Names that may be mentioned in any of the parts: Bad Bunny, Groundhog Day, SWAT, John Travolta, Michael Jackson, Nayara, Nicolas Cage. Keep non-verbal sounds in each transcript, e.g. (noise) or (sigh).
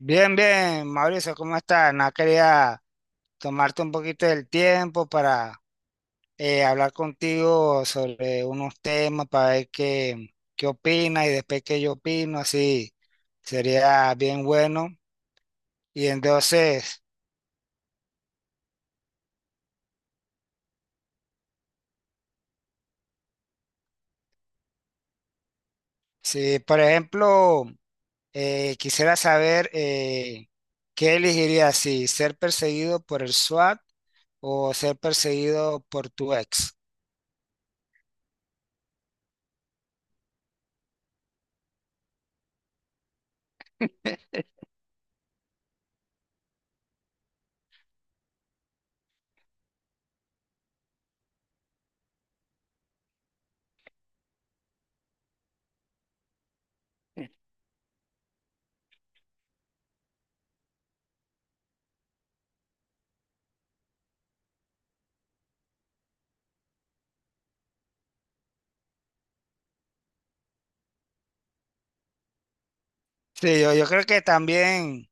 Bien, bien, Mauricio, ¿cómo estás? Nada, quería tomarte un poquito del tiempo para hablar contigo sobre unos temas, para ver qué opinas y después qué yo opino, así sería bien bueno. Y entonces, si por ejemplo quisiera saber qué elegirías, si ser perseguido por el SWAT o ser perseguido por tu ex. Sí, yo creo que también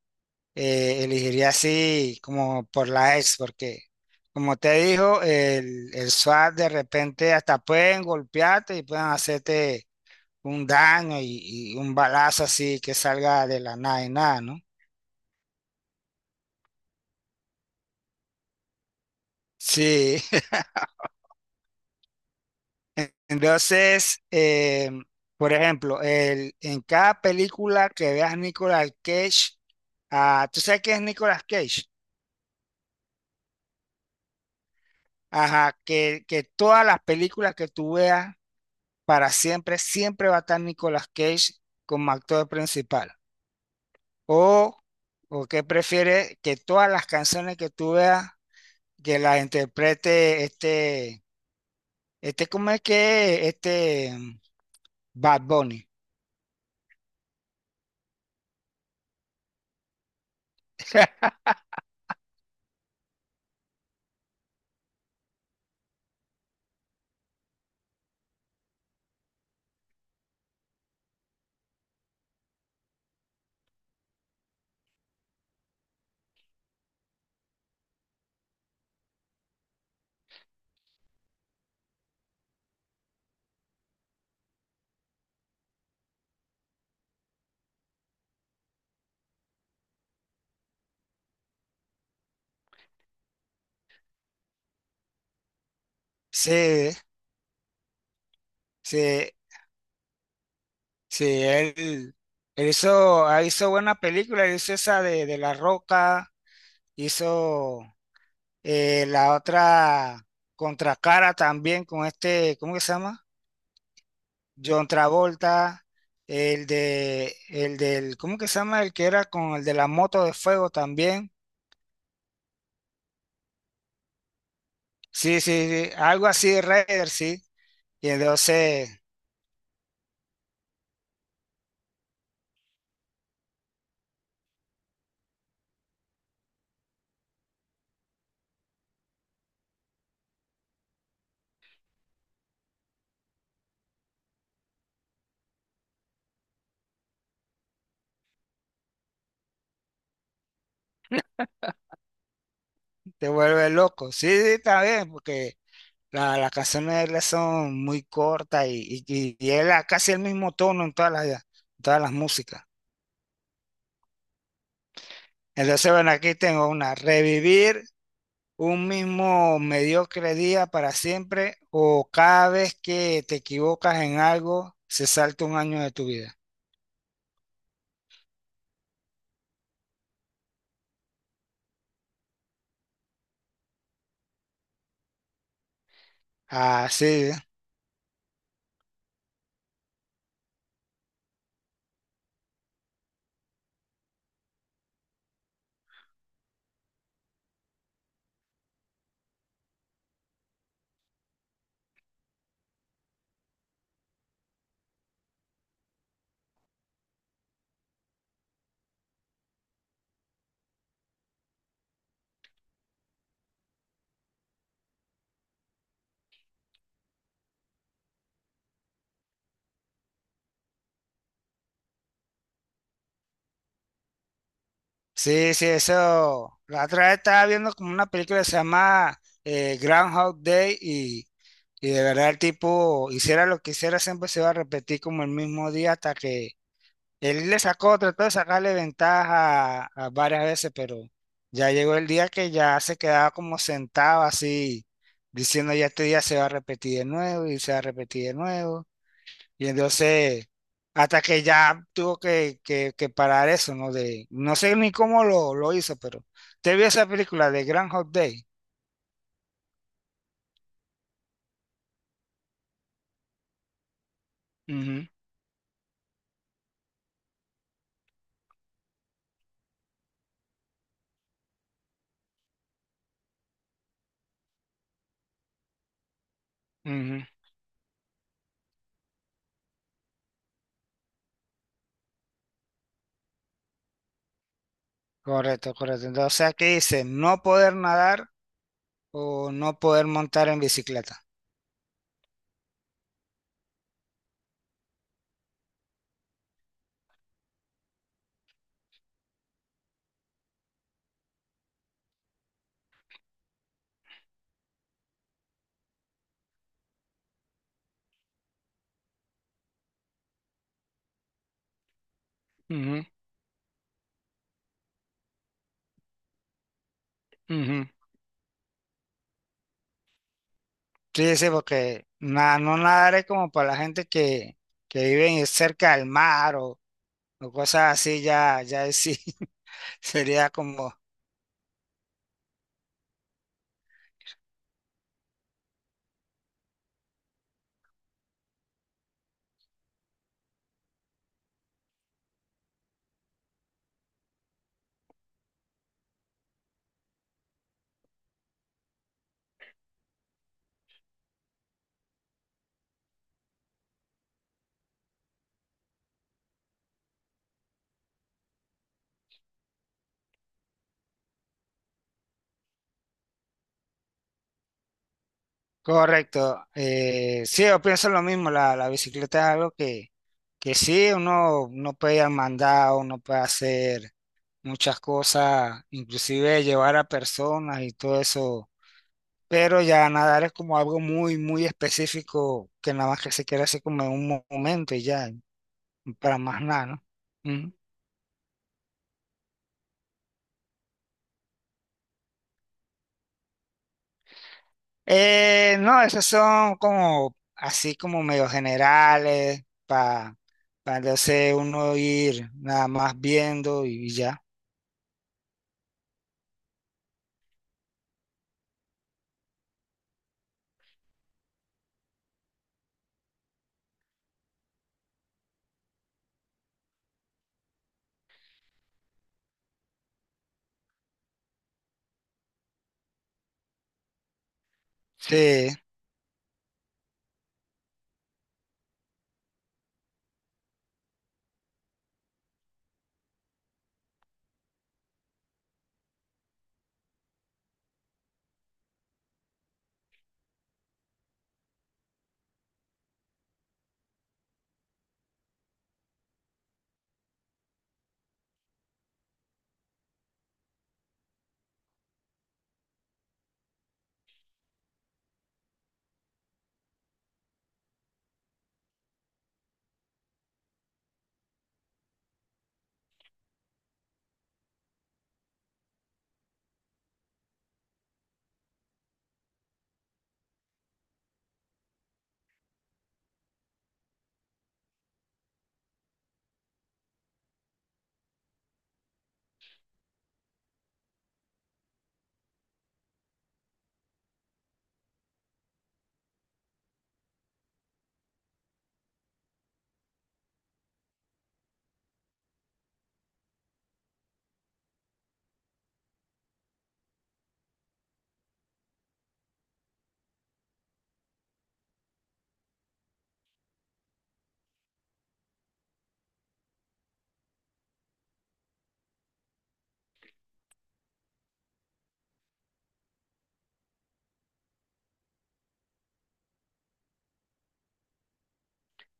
elegiría así como por la ex, porque como te dijo, el SWAT de repente hasta pueden golpearte y pueden hacerte un daño y un balazo así que salga de la nada y nada, ¿no? Sí, (laughs) entonces, por ejemplo, en cada película que veas Nicolas Cage, ah, ¿tú sabes qué es Nicolas Cage? Ajá, que todas las películas que tú veas para siempre, siempre va a estar Nicolas Cage como actor principal. O, o qué prefiere que todas las canciones que tú veas, que las interprete este, ¿cómo es que es? Este Bad Bunny. (laughs) Sí, sí, sí, él hizo, hizo buena película, él hizo esa de La Roca, hizo la otra Contracara también con este, ¿cómo que se llama? John Travolta, el del, ¿cómo que se llama? El que era con el de la moto de fuego también. Sí, sí, sí, algo así de Raider, sí. Y entonces te vuelve loco. Sí, sí, está bien, porque las canciones de él son muy cortas y él a casi el mismo tono en todas en todas las músicas. Entonces, bueno, aquí tengo una, revivir un mismo mediocre día para siempre o cada vez que te equivocas en algo se salta un año de tu vida. Ah, sí, sí, sí, eso. La otra vez estaba viendo como una película que se llama Groundhog Day y de verdad el tipo hiciera lo que hiciera siempre se va a repetir como el mismo día hasta que él le sacó, trató de sacarle ventaja a varias veces, pero ya llegó el día que ya se quedaba como sentado así, diciendo ya este día se va a repetir de nuevo y se va a repetir de nuevo. Y entonces, hasta que ya tuvo que parar eso, ¿no? De, no sé ni cómo lo hizo, pero te vio esa película de Grand Hot Day. Ujú, ujú. Correcto, correcto. Entonces aquí dice, no poder nadar o no poder montar en bicicleta. Ujú, ujú. Sí, sí, porque no nadar es como para la gente que vive cerca del mar o cosas así, ya, ya ahí sí, (laughs) sería como correcto. Sí, yo pienso lo mismo, la bicicleta es algo que sí, uno no puede ir al mandado, uno puede hacer muchas cosas, inclusive llevar a personas y todo eso, pero ya nadar es como algo muy, muy específico que nada más que se quiere hacer como en un momento y ya. Para más nada, ¿no? Ujú. No, esos son como así como medio generales para entonces uno ir nada más viendo y ya. Sí,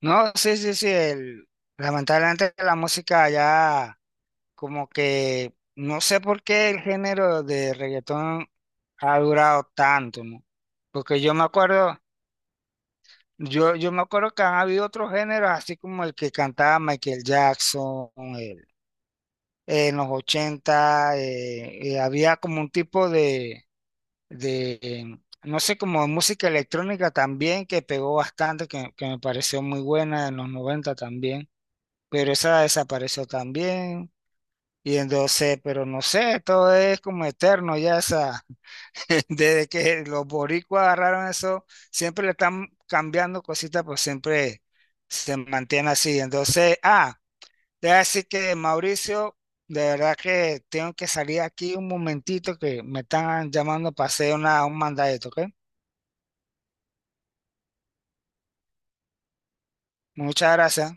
no, sí, sí, sí. Lamentablemente la música ya como que no sé por qué el género de reggaetón ha durado tanto, ¿no? Porque yo me acuerdo, yo me acuerdo que han habido otros géneros así como el que cantaba Michael Jackson, eh, en los 80 había como un tipo no sé, como música electrónica también que pegó bastante, que me pareció muy buena en los 90 también, pero esa desapareció también. Y entonces, pero no sé, todo es como eterno ya esa, (laughs) desde que los boricuas agarraron eso, siempre le están cambiando cositas, pues siempre se mantiene así. Entonces, ah. Debe decir que Mauricio, de verdad que tengo que salir aquí un momentito que me están llamando para hacer una, un mandadito, ¿ok? Muchas gracias.